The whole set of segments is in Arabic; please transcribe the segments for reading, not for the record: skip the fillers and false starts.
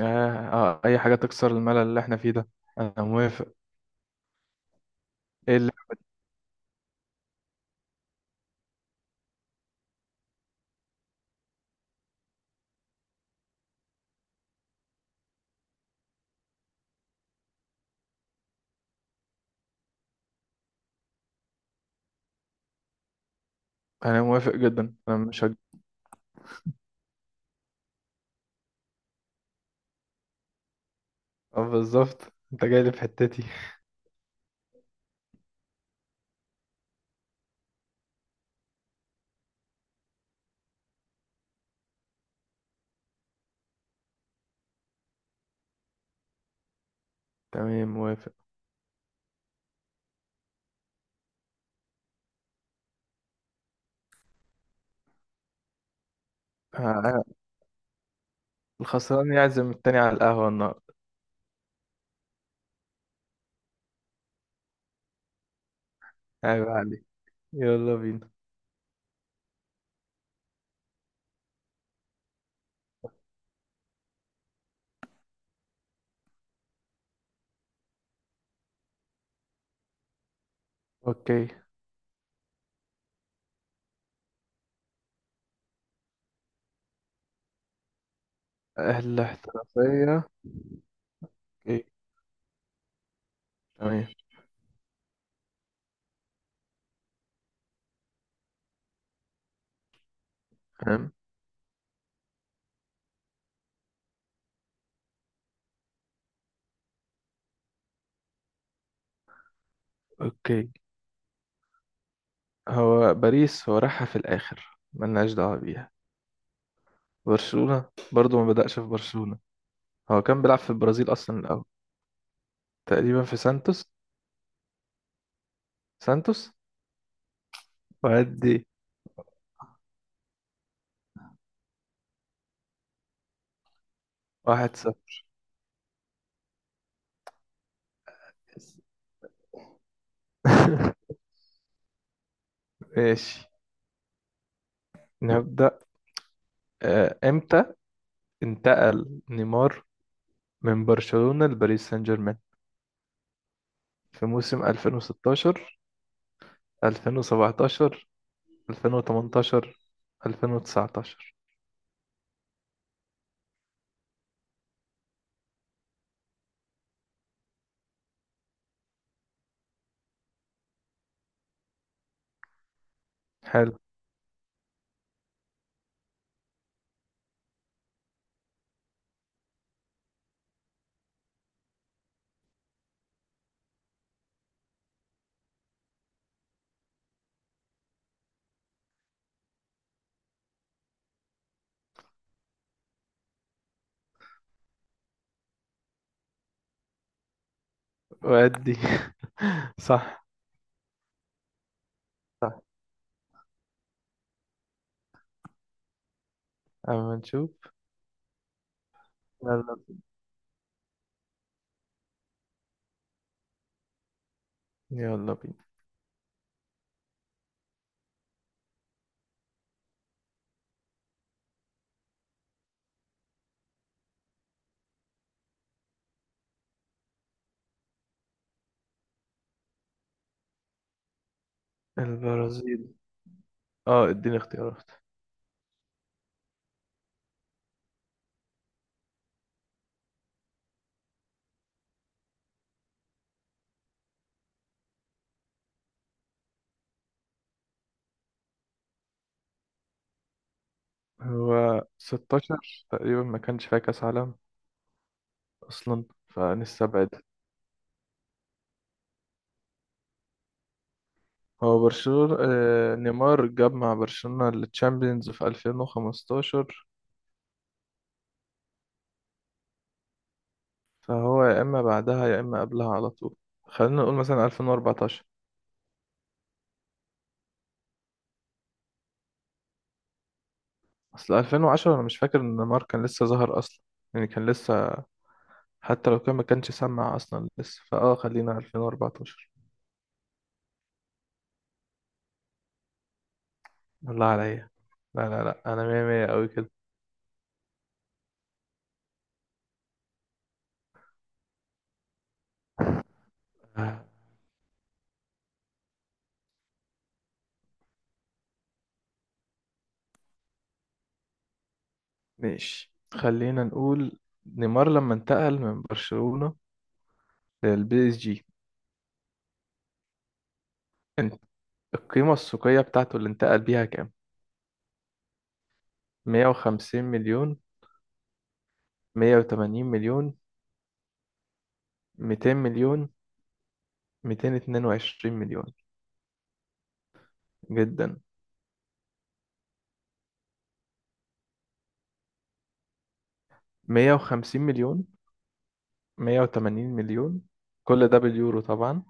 آه. آه، أي حاجة تكسر الملل اللي احنا فيه ده. أنا موافق. إيه اللي أنا موافق جدا. أنا مش آه، بالظبط. أنت جاي لي في حتتي. تمام، موافق. آه، آه، الخسران يعزم التاني على القهوة النهاردة. عيب عليك. يلا بينا. أوكي. أهل الاحترافية. أوكي. تمام. تمام. أوكي. هو باريس، هو راحها في الآخر ملناش دعوة بيها. برشلونة برضو ما بدأش في برشلونة. هو كان بيلعب في البرازيل أصلا الأول. تقريبا في سانتوس. سانتوس. وهدي. 1-0. ماشي، نبدأ. امتى انتقل نيمار من برشلونة لباريس سان جيرمان؟ في موسم 2016، 2017، 2018، 2019؟ حلو. وأدي. صح. اما نشوف. يلا. يلا بينا. البرازيل. اه، اديني اختيارات. هو 16 تقريبا ما كانش فيها كأس عالم اصلا، فنستبعد. هو برشلونة، نيمار جاب مع برشلونة التشامبيونز في 2015، فهو يا إما بعدها يا إما قبلها على طول. خلينا نقول مثلا 2014. أصل 2010 أنا مش فاكر إن نيمار كان لسه ظهر أصلا، يعني كان لسه، حتى لو كان ما كانش سمع أصلا لسه، خلينا 2014. الله عليا. لا، لا، لا، أنا مية مية أوي كده. آه، ماشي، خلينا نقول نيمار لما انتقل من برشلونة للبي اس جي، القيمة السوقية بتاعته اللي انتقل بيها كام؟ 150 مليون؟ 180 مليون؟ 200 مليون؟ 222 مليون؟ جدا. مية وخمسين مليون، مية وتمانين مليون، كل ده باليورو طبعا،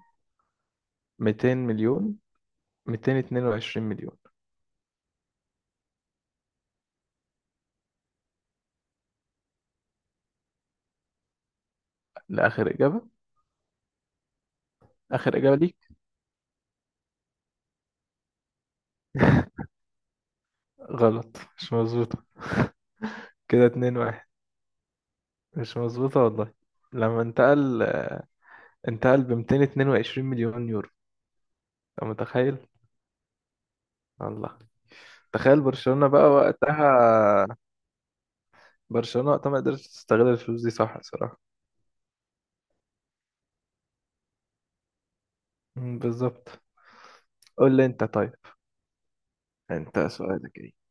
200 مليون، ميتين اتنين وعشرين مليون. لآخر إجابة. آخر إجابة ليك. غلط، مش مظبوطة. كده 2-1. مش مظبوطة والله. لما انتقل، انتقل بميتين اتنين وعشرين مليون يورو. أنت متخيل؟ الله. تخيل برشلونة بقى وقتها. برشلونة وقتها ما قدرتش تستغل الفلوس دي، صح الصراحة. مم، بالظبط. قول لي انت طيب. انت سؤالك ايه؟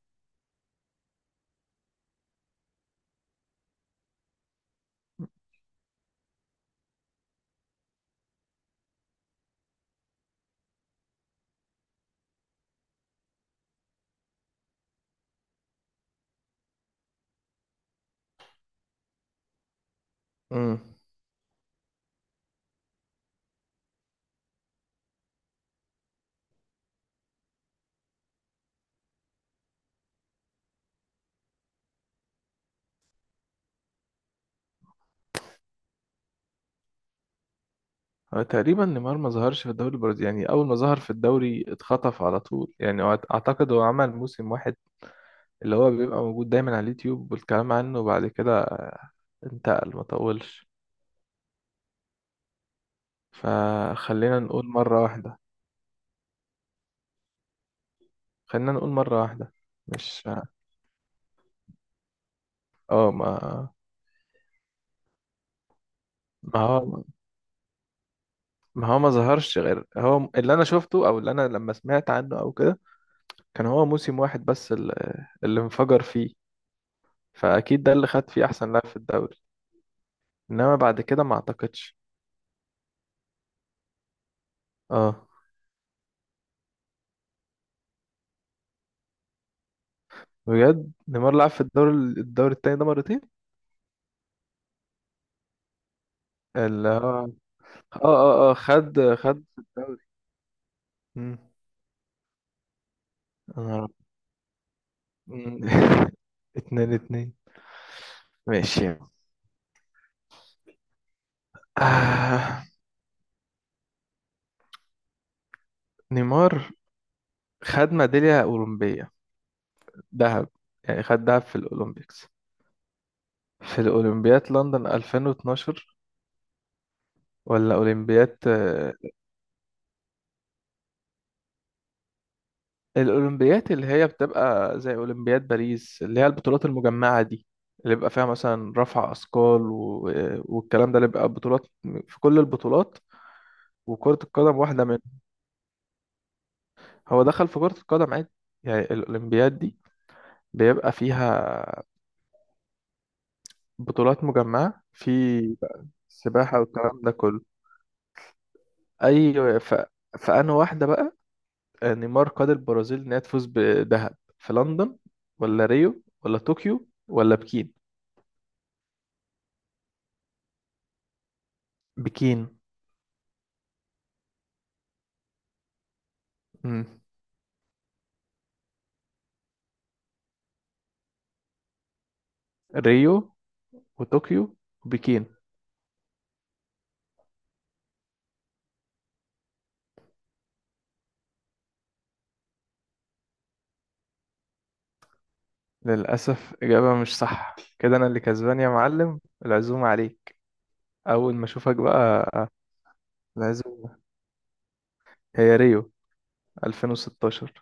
امم. هو تقريبا نيمار ما ظهرش في الدوري البرازيلي، يعني اول ما ظهر في الدوري اتخطف على طول، يعني هو اعتقد هو عمل موسم واحد اللي هو بيبقى موجود دايما على اليوتيوب والكلام عنه، وبعد كده انتقل. ما طولش. فخلينا نقول مرة واحدة. خلينا نقول مرة واحدة. مش اه ما ما هو ما هو ما ظهرش غير هو اللي انا شفته او اللي انا لما سمعت عنه او كده. كان هو موسم واحد بس، اللي انفجر فيه، فأكيد ده اللي خد فيه أحسن لاعب في الدوري. إنما بعد كده ما أعتقدش. اه، بجد نيمار لعب في الدوري التاني ده مرتين؟ اللي هو اه خد في الدوري. مم. أنا عارف. مم. 2-2. ماشي. آه. نيمار خد ميدالية أولمبية ذهب، يعني خد دهب في الأولمبيكس، في الأولمبياد لندن 2012 ولا أولمبياد. الأولمبيات اللي هي بتبقى زي أولمبياد باريس، اللي هي البطولات المجمعة دي، اللي بيبقى فيها مثلا رفع أثقال والكلام ده، اللي بيبقى بطولات في كل البطولات، وكرة القدم واحدة منهم. هو دخل في كرة القدم عادي. يعني الأولمبياد دي بيبقى فيها بطولات مجمعة في سباحة والكلام ده كله. أي، ف... فأنا واحدة بقى. نيمار قاد البرازيل إنها تفوز بذهب في لندن ولا ريو ولا طوكيو ولا بكين؟ بكين. مم. ريو وطوكيو وبكين. للأسف إجابة مش صح، كده أنا اللي كسبان يا معلم. العزومة عليك أول ما أشوفك بقى. العزومة. هي ريو 2016.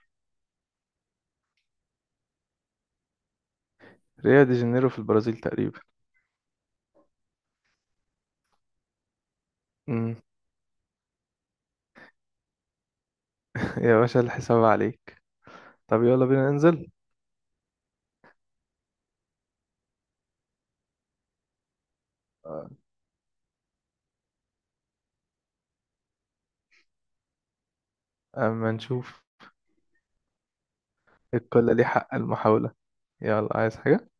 ريو دي جانيرو في البرازيل تقريبا. مم. يا باشا الحساب عليك. طب يلا بينا ننزل. أما نشوف. الكل ليه حق المحاولة. يلا، عايز حاجة؟